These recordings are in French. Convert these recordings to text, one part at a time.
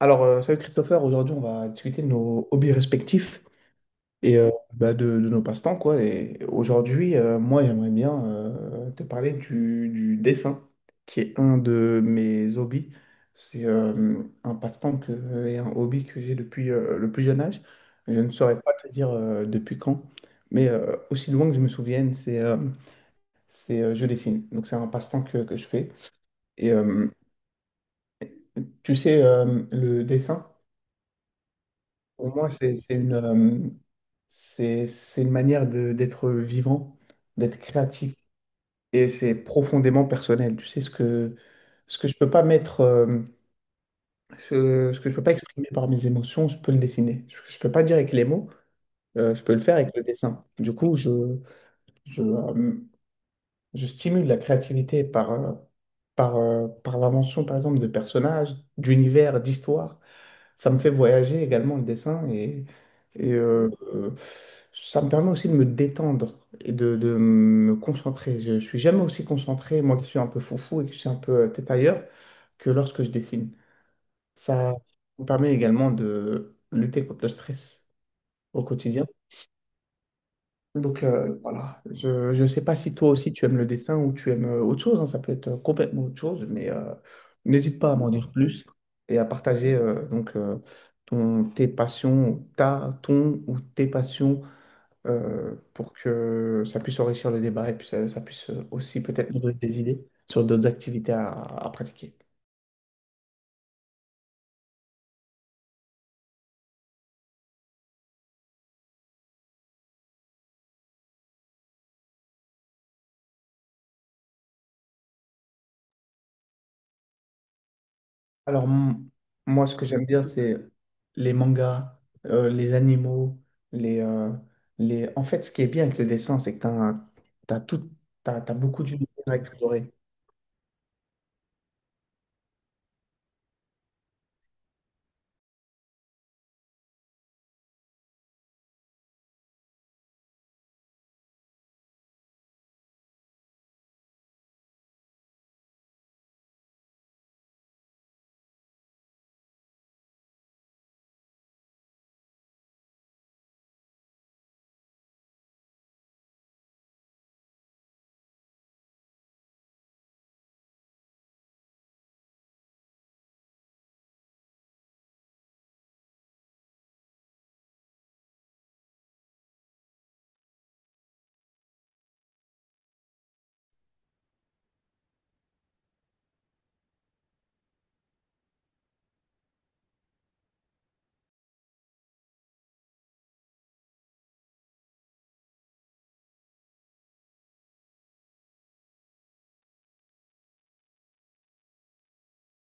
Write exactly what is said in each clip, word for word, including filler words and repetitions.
Alors, euh, salut Christopher, aujourd'hui on va discuter de nos hobbies respectifs et euh, bah, de, de nos passe-temps, quoi. Et aujourd'hui, euh, moi j'aimerais bien euh, te parler du, du dessin, qui est un de mes hobbies. C'est euh, un passe-temps que, et un hobby que j'ai depuis euh, le plus jeune âge. Je ne saurais pas te dire euh, depuis quand, mais euh, aussi loin que je me souvienne, c'est euh, c'est, euh, je dessine. Donc c'est un passe-temps que, que je fais. Et euh, Tu sais, euh, le dessin. Pour moi, c'est c'est une, euh, c'est c'est une manière de- d'être vivant, d'être créatif. Et c'est profondément personnel. Tu sais, ce que, ce que je peux pas mettre, euh, ce, ce que je peux pas exprimer par mes émotions, je peux le dessiner. Je, je peux pas dire avec les mots, euh, je peux le faire avec le dessin. Du coup, je, je, euh, je stimule la créativité par, euh, par, euh, par l'invention, par exemple, de personnages, d'univers, d'histoires. Ça me fait voyager également le dessin et, et, euh, euh, ça me permet aussi de me détendre et de, de me concentrer. Je ne suis jamais aussi concentré, moi qui suis un peu foufou et qui suis un peu euh, tête ailleurs, que lorsque je dessine. Ça me permet également de lutter contre le stress au quotidien, donc euh, voilà, je ne sais pas si toi aussi tu aimes le dessin ou tu aimes euh, autre chose, hein, ça peut être euh, complètement autre chose, mais euh, n'hésite pas à m'en dire plus et à partager euh, donc euh, ton, tes passions, ta, ton ou tes passions euh, pour que ça puisse enrichir le débat et puis ça, ça puisse euh, aussi peut-être nous donner des idées sur d'autres activités à à pratiquer. Alors, m- Moi, ce que j'aime bien, c'est les mangas, euh, les animaux, les, euh, les... En fait, ce qui est bien avec le dessin, c'est que tu as, t'as t'as tout, t'as, t'as beaucoup d'univers à explorer.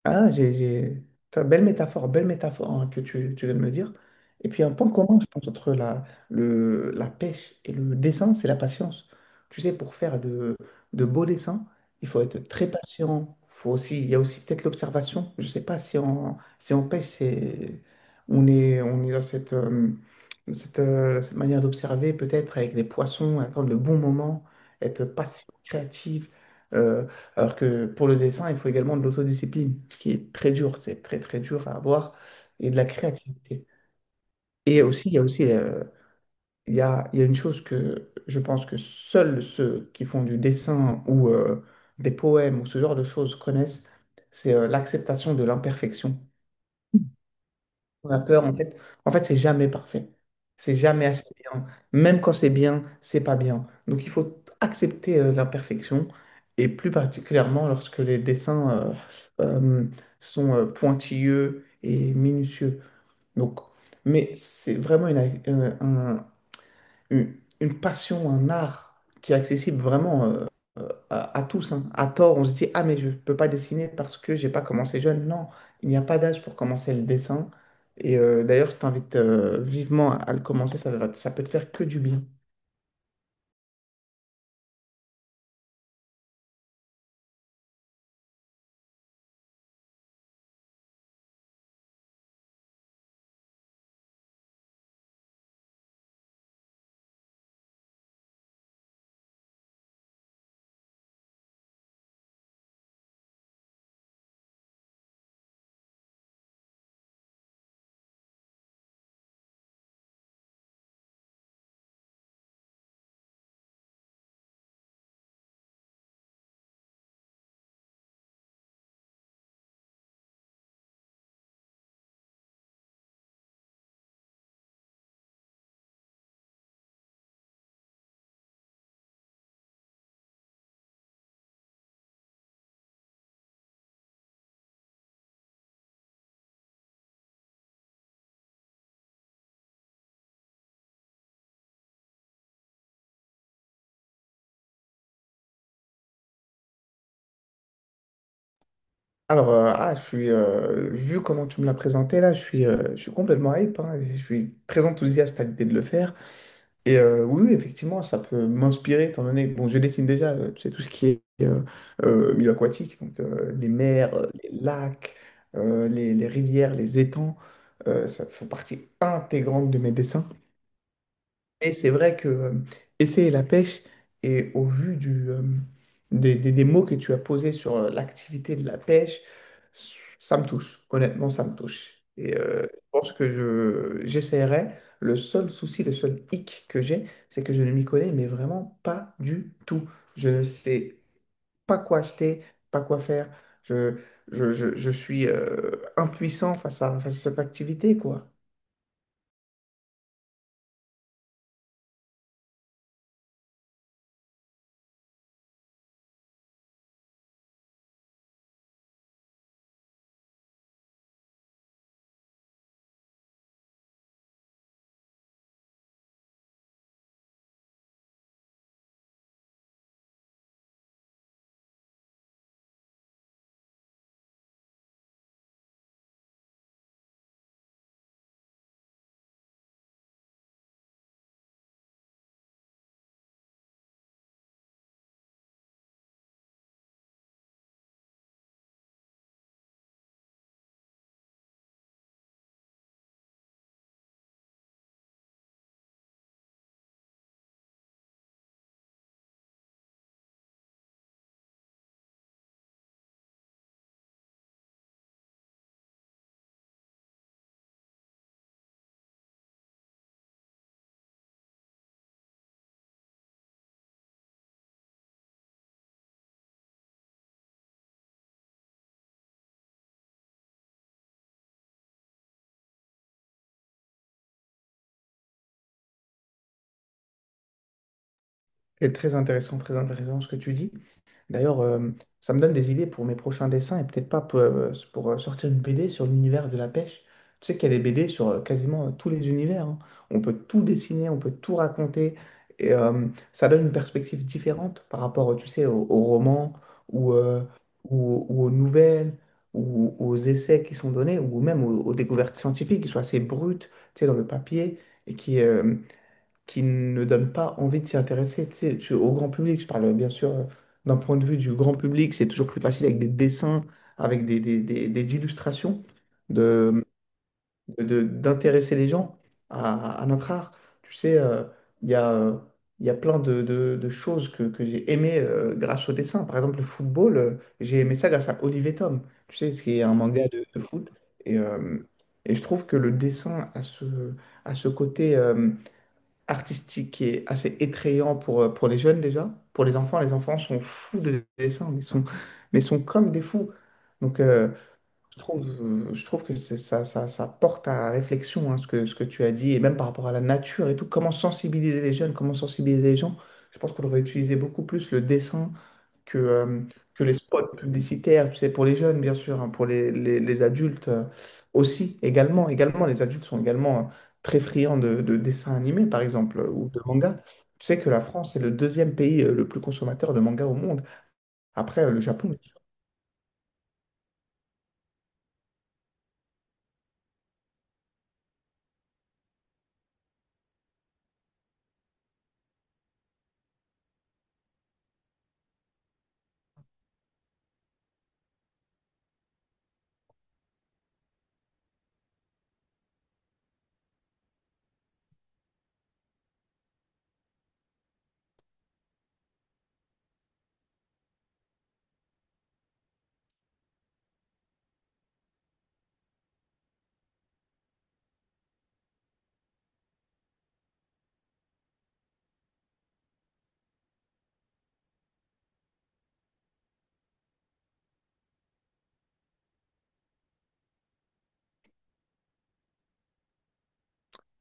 Ah, j'ai, j'ai... Putain, belle métaphore, belle métaphore hein, que tu, tu viens de me dire. Et puis un point commun, je pense, entre la, le, la pêche et le dessin, c'est la patience. Tu sais, pour faire de, de beaux dessins, il faut être très patient. Faut aussi, il y a aussi peut-être l'observation. Je ne sais pas si on, si on pêche, c'est, on est, on est dans cette, euh, cette, euh, cette manière d'observer, peut-être avec les poissons, attendre le bon moment, être patient, créatif. euh, alors que pour le dessin, il faut également de l'autodiscipline, ce qui est très dur, c'est très très dur à avoir, et de la créativité. Et aussi, il y a aussi euh, il y a, il y a une chose que je pense que seuls ceux qui font du dessin ou euh, des poèmes ou ce genre de choses connaissent, c'est euh, l'acceptation de l'imperfection. On a peur, en fait. En fait, c'est jamais parfait. C'est jamais assez bien. Même quand c'est bien, c'est pas bien. Donc, il faut accepter euh, l'imperfection. Et plus particulièrement lorsque les dessins euh, euh, sont euh, pointilleux et minutieux. Donc, mais c'est vraiment une, a- euh, un, une, une passion, un art qui est accessible vraiment euh, euh, à, à tous, hein. À tort, on se dit, ah mais je ne peux pas dessiner parce que j'ai pas commencé jeune. Non, il n'y a pas d'âge pour commencer le dessin. Et euh, d'ailleurs, je t'invite euh, vivement à, à le commencer, ça, va- ça peut te faire que du bien. Alors, euh, ah, je suis, euh, vu comment tu me l'as présenté là, je suis, euh, je suis complètement hype, hein. Je suis très enthousiaste à l'idée de le faire. Et euh, oui, oui, effectivement, ça peut m'inspirer, étant donné bon, je dessine déjà, euh, tu sais, tout ce qui est euh, euh, milieu aquatique, donc euh, les mers, euh, les lacs, euh, les, les rivières, les étangs, euh, ça fait partie intégrante de mes dessins. Mais c'est vrai que euh, essayer la pêche, et au vu du, euh, des, des- des mots que tu as posés sur euh, l'activité de la pêche, ça me touche. Honnêtement, ça me touche. Et euh, je pense que je, j'essaierai. Le seul souci, le seul hic que j'ai, c'est que je ne m'y connais, mais vraiment pas du tout. Je ne sais pas quoi acheter, pas quoi faire. Je, je, je, je suis euh, impuissant face à, face à cette activité, quoi. C'est très intéressant, très intéressant ce que tu dis. D'ailleurs, euh, ça me donne des idées pour mes prochains dessins et peut-être pas pour, euh, pour, euh, sortir une B D sur l'univers de la pêche. Tu sais qu'il y a des B D sur euh, quasiment euh, tous les univers, hein. On peut tout dessiner, on peut tout raconter. Et euh, ça donne une perspective différente par rapport, tu sais, aux, aux romans ou, euh, ou, ou aux nouvelles ou aux essais qui sont donnés ou même aux, aux découvertes scientifiques qui sont assez brutes, tu sais, dans le papier et qui, euh, qui ne donne pas envie de s'y intéresser. Tu sais, tu- au grand public, je parle bien sûr euh, d'un point de vue du grand public, c'est toujours plus facile avec des dessins, avec des, des- des- des illustrations, de, de- d'intéresser les gens à, à notre art. Tu sais, euh, il y a, euh, il y a plein de, de- de choses que, que j'ai aimées euh, grâce au dessin. Par exemple, le football, euh, j'ai aimé ça grâce à Oliver Tom, tu sais, ce qui est un manga de, de foot. Et, euh, et je trouve que le dessin a ce, a ce côté... euh, artistique qui est assez étrayant pour, euh, pour les jeunes déjà. Pour les enfants, les enfants sont fous de dessin, mais sont, mais sont comme des fous. Donc, euh, je trouve, euh, je trouve que c'est- ça, ça, ça porte à réflexion, hein, ce que, ce que tu as dit, et même par rapport à la nature et tout, comment sensibiliser les jeunes, comment sensibiliser les gens. Je pense qu'on devrait utiliser beaucoup plus le dessin que, euh, que les spots publicitaires, tu sais, pour les jeunes, bien sûr, hein, pour les, les- les adultes euh, aussi, également, également, les adultes sont également euh, très friands de, de dessins animés, par exemple, euh, ou de mangas. Tu sais que la France est le deuxième pays euh, le plus consommateur de mangas au monde, après euh, le Japon.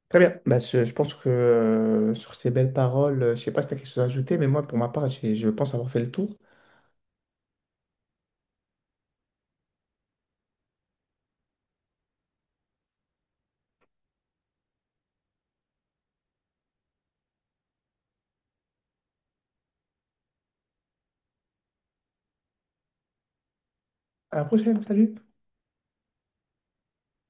Très bien. Bah, je, je pense que euh, sur ces belles paroles, euh, je sais pas si tu as quelque chose à ajouter, mais moi, pour ma part, j'ai- je pense avoir fait le tour. À la prochaine, salut!